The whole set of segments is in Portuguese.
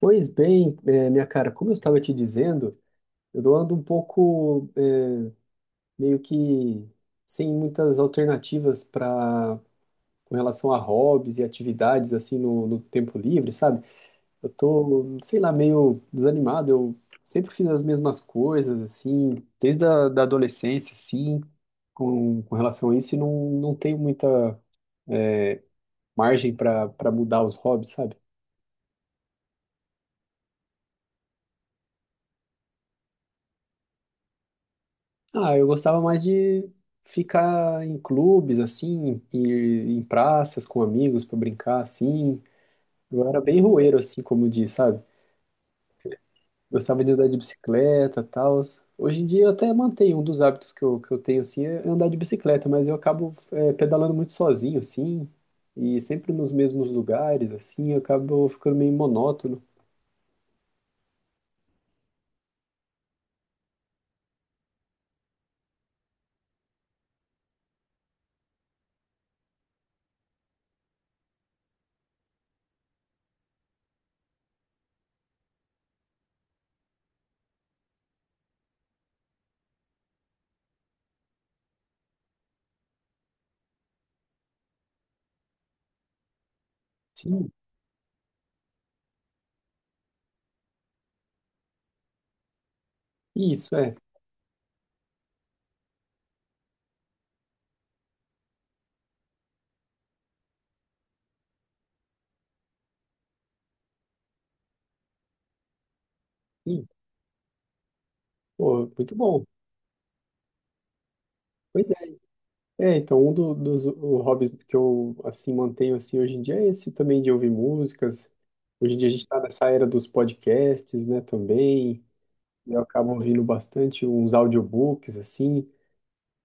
Pois bem, minha cara, como eu estava te dizendo, eu ando um pouco meio que sem muitas alternativas para com relação a hobbies e atividades assim no tempo livre, sabe? Eu tô, sei lá, meio desanimado. Eu sempre fiz as mesmas coisas assim, desde a da adolescência, assim, com relação a isso, e não tenho muita eh, margem para mudar os hobbies, sabe? Ah, eu gostava mais de ficar em clubes, assim, ir em praças com amigos pra brincar, assim. Eu era bem roeiro, assim, como diz, sabe? Gostava de andar de bicicleta, tal. Hoje em dia eu até mantenho um dos hábitos que eu tenho, assim, é andar de bicicleta, mas eu acabo é, pedalando muito sozinho, assim, e sempre nos mesmos lugares, assim, eu acabo ficando meio monótono. Sim, isso, é. Sim, pô, muito bom. Pois é. É, então, dos o hobbies que eu, assim, mantenho, assim, hoje em dia é esse também de ouvir músicas. Hoje em dia a gente está nessa era dos podcasts, né, também. E eu acabo ouvindo bastante uns audiobooks, assim.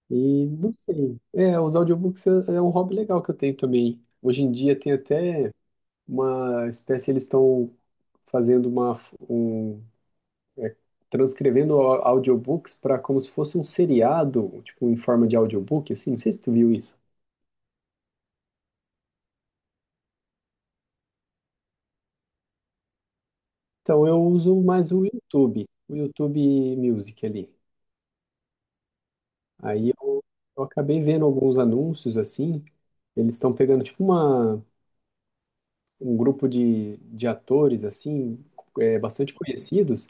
E, não sei, é, os audiobooks é um hobby legal que eu tenho também. Hoje em dia tem até uma espécie, eles estão fazendo uma, um, é, transcrevendo audiobooks para como se fosse um seriado, tipo, em forma de audiobook, assim. Não sei se tu viu isso. Então, eu uso mais o YouTube Music ali. Aí eu, eu acabei vendo alguns anúncios assim, eles estão pegando tipo uma, um grupo de atores assim, é, bastante conhecidos,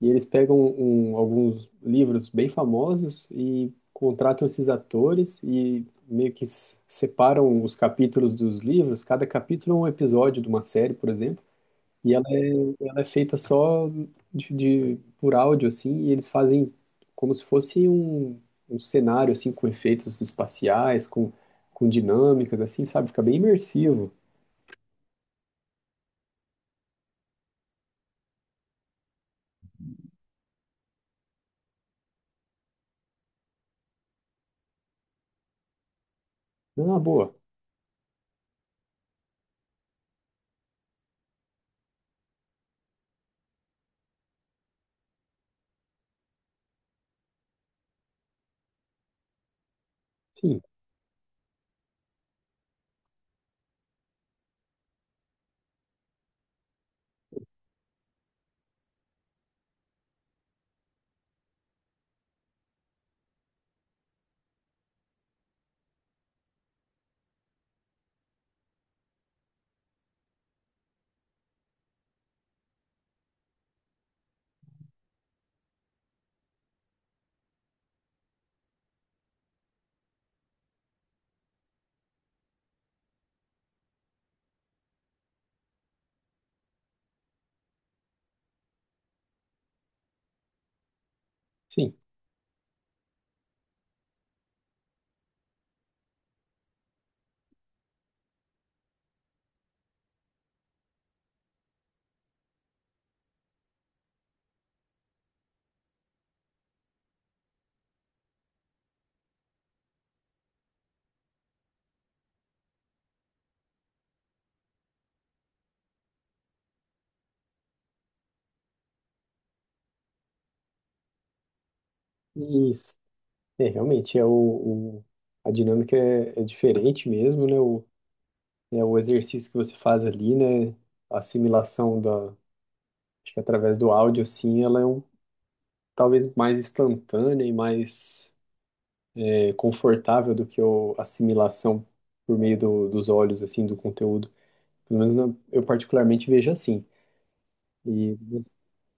e eles pegam alguns livros bem famosos e contratam esses atores e meio que separam os capítulos dos livros, cada capítulo é um episódio de uma série, por exemplo, e Ela é feita só por áudio, assim, e eles fazem como se fosse um, um cenário, assim, com efeitos espaciais, com dinâmicas, assim, sabe? Fica bem imersivo. Ah, boa. Sim, sim. Isso. É, realmente, o- a dinâmica é diferente mesmo, né? O, é o exercício que você faz ali, né? A assimilação da, acho que através do áudio, assim, ela é um, talvez mais instantânea e mais é confortável do que eu assimilação por meio dos olhos, assim, do conteúdo. Pelo menos eu particularmente vejo assim. E,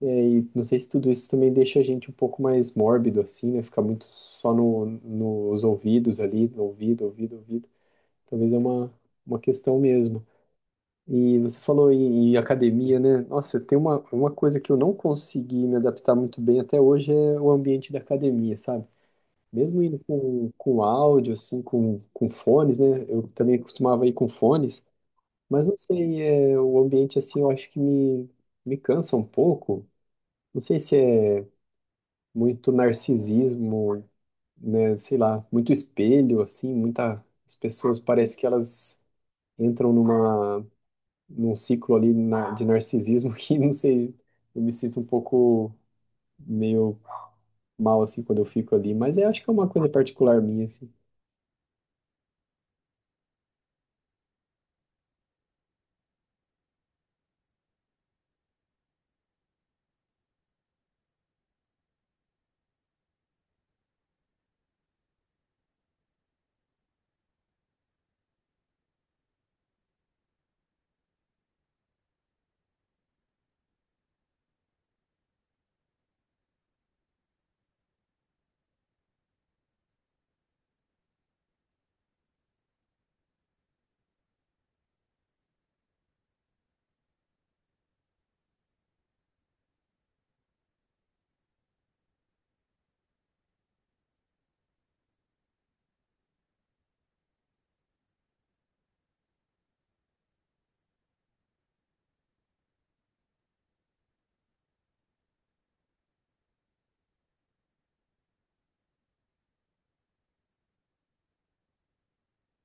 é, e não sei se tudo isso também deixa a gente um pouco mais mórbido, assim, né? Ficar muito só nos ouvidos ali, no ouvido, ouvido, ouvido. Talvez é uma questão mesmo. E você falou em academia, né? Nossa, tem uma coisa que eu não consegui me adaptar muito bem até hoje é o ambiente da academia, sabe? Mesmo indo com áudio, assim, com fones, né? Eu também costumava ir com fones, mas não sei, é, o ambiente, assim, eu acho que me cansa um pouco. Não sei se é muito narcisismo, né? Sei lá, muito espelho, assim, muitas pessoas parece que elas entram numa, num ciclo ali de narcisismo que, não sei, eu me sinto um pouco meio mal, assim, quando eu fico ali, mas eu acho que é uma coisa particular minha, assim.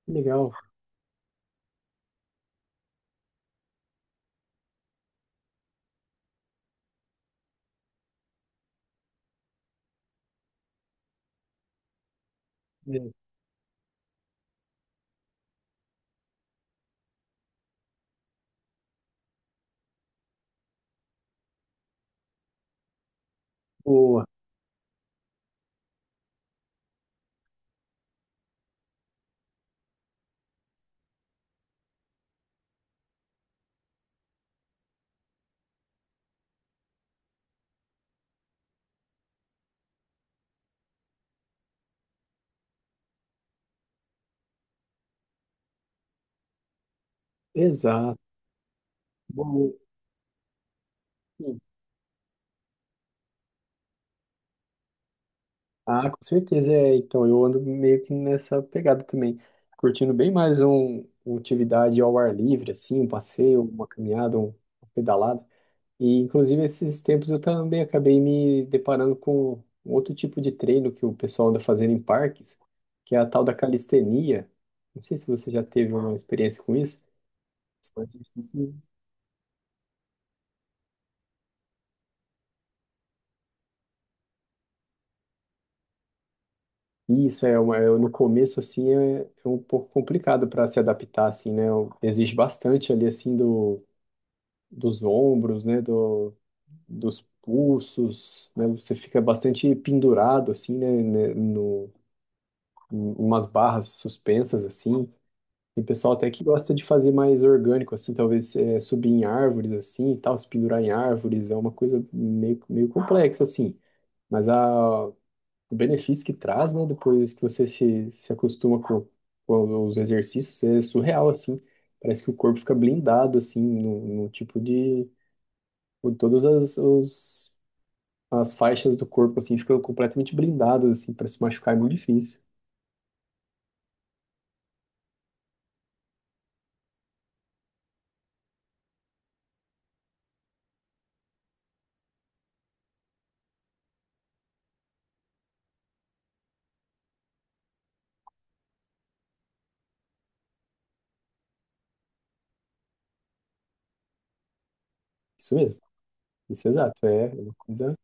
Legal. Né? Boa, exato. Boa. Sim. Ah, com certeza é. Então, eu ando meio que nessa pegada também, curtindo bem mais uma atividade ao ar livre, assim, um passeio, uma caminhada, uma pedalada. E, inclusive, esses tempos eu também acabei me deparando com um outro tipo de treino que o pessoal anda fazendo em parques, que é a tal da calistenia. Não sei se você já teve uma experiência com isso. São exercícios. Isso é, uma, é no começo assim é um pouco complicado para se adaptar assim, né? Exige bastante ali assim do, dos ombros, né? Do, dos pulsos, né? Você fica bastante pendurado assim, né? No, em umas barras suspensas assim. Tem pessoal até que gosta de fazer mais orgânico assim, talvez é, subir em árvores assim, e tal, se pendurar em árvores é uma coisa meio, meio complexa assim. Mas a, o benefício que traz, né? Depois que você se acostuma com os exercícios, é surreal, assim. Parece que o corpo fica blindado, assim, no tipo de... com todas as faixas do corpo, assim, ficam completamente blindadas, assim, para se machucar é muito difícil. Isso mesmo, isso é exato. É uma coisa...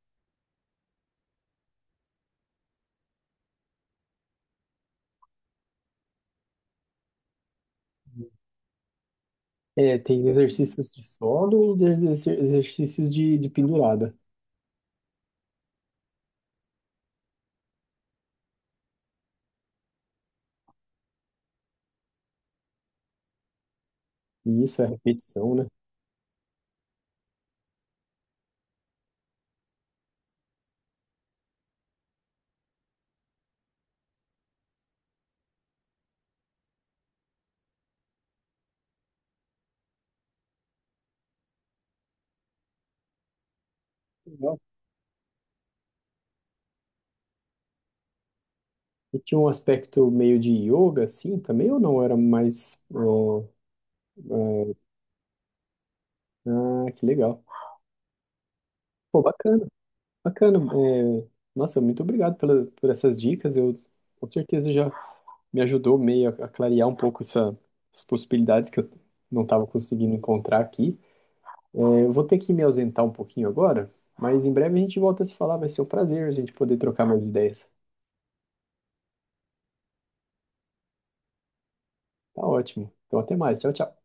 É, tem exercícios de solo e exercícios de pendurada. E isso é repetição, né? Legal. E tinha um aspecto meio de yoga, assim, também, ou não? Era mais, ó. Ah, que legal. Pô, bacana, bacana. É, nossa, muito obrigado pela, por essas dicas. Eu com certeza já me ajudou meio a clarear um pouco essas possibilidades que eu não estava conseguindo encontrar aqui. É, eu vou ter que me ausentar um pouquinho agora, mas em breve a gente volta a se falar. Vai ser um prazer a gente poder trocar mais ideias. Tá ótimo. Então até mais. Tchau, tchau.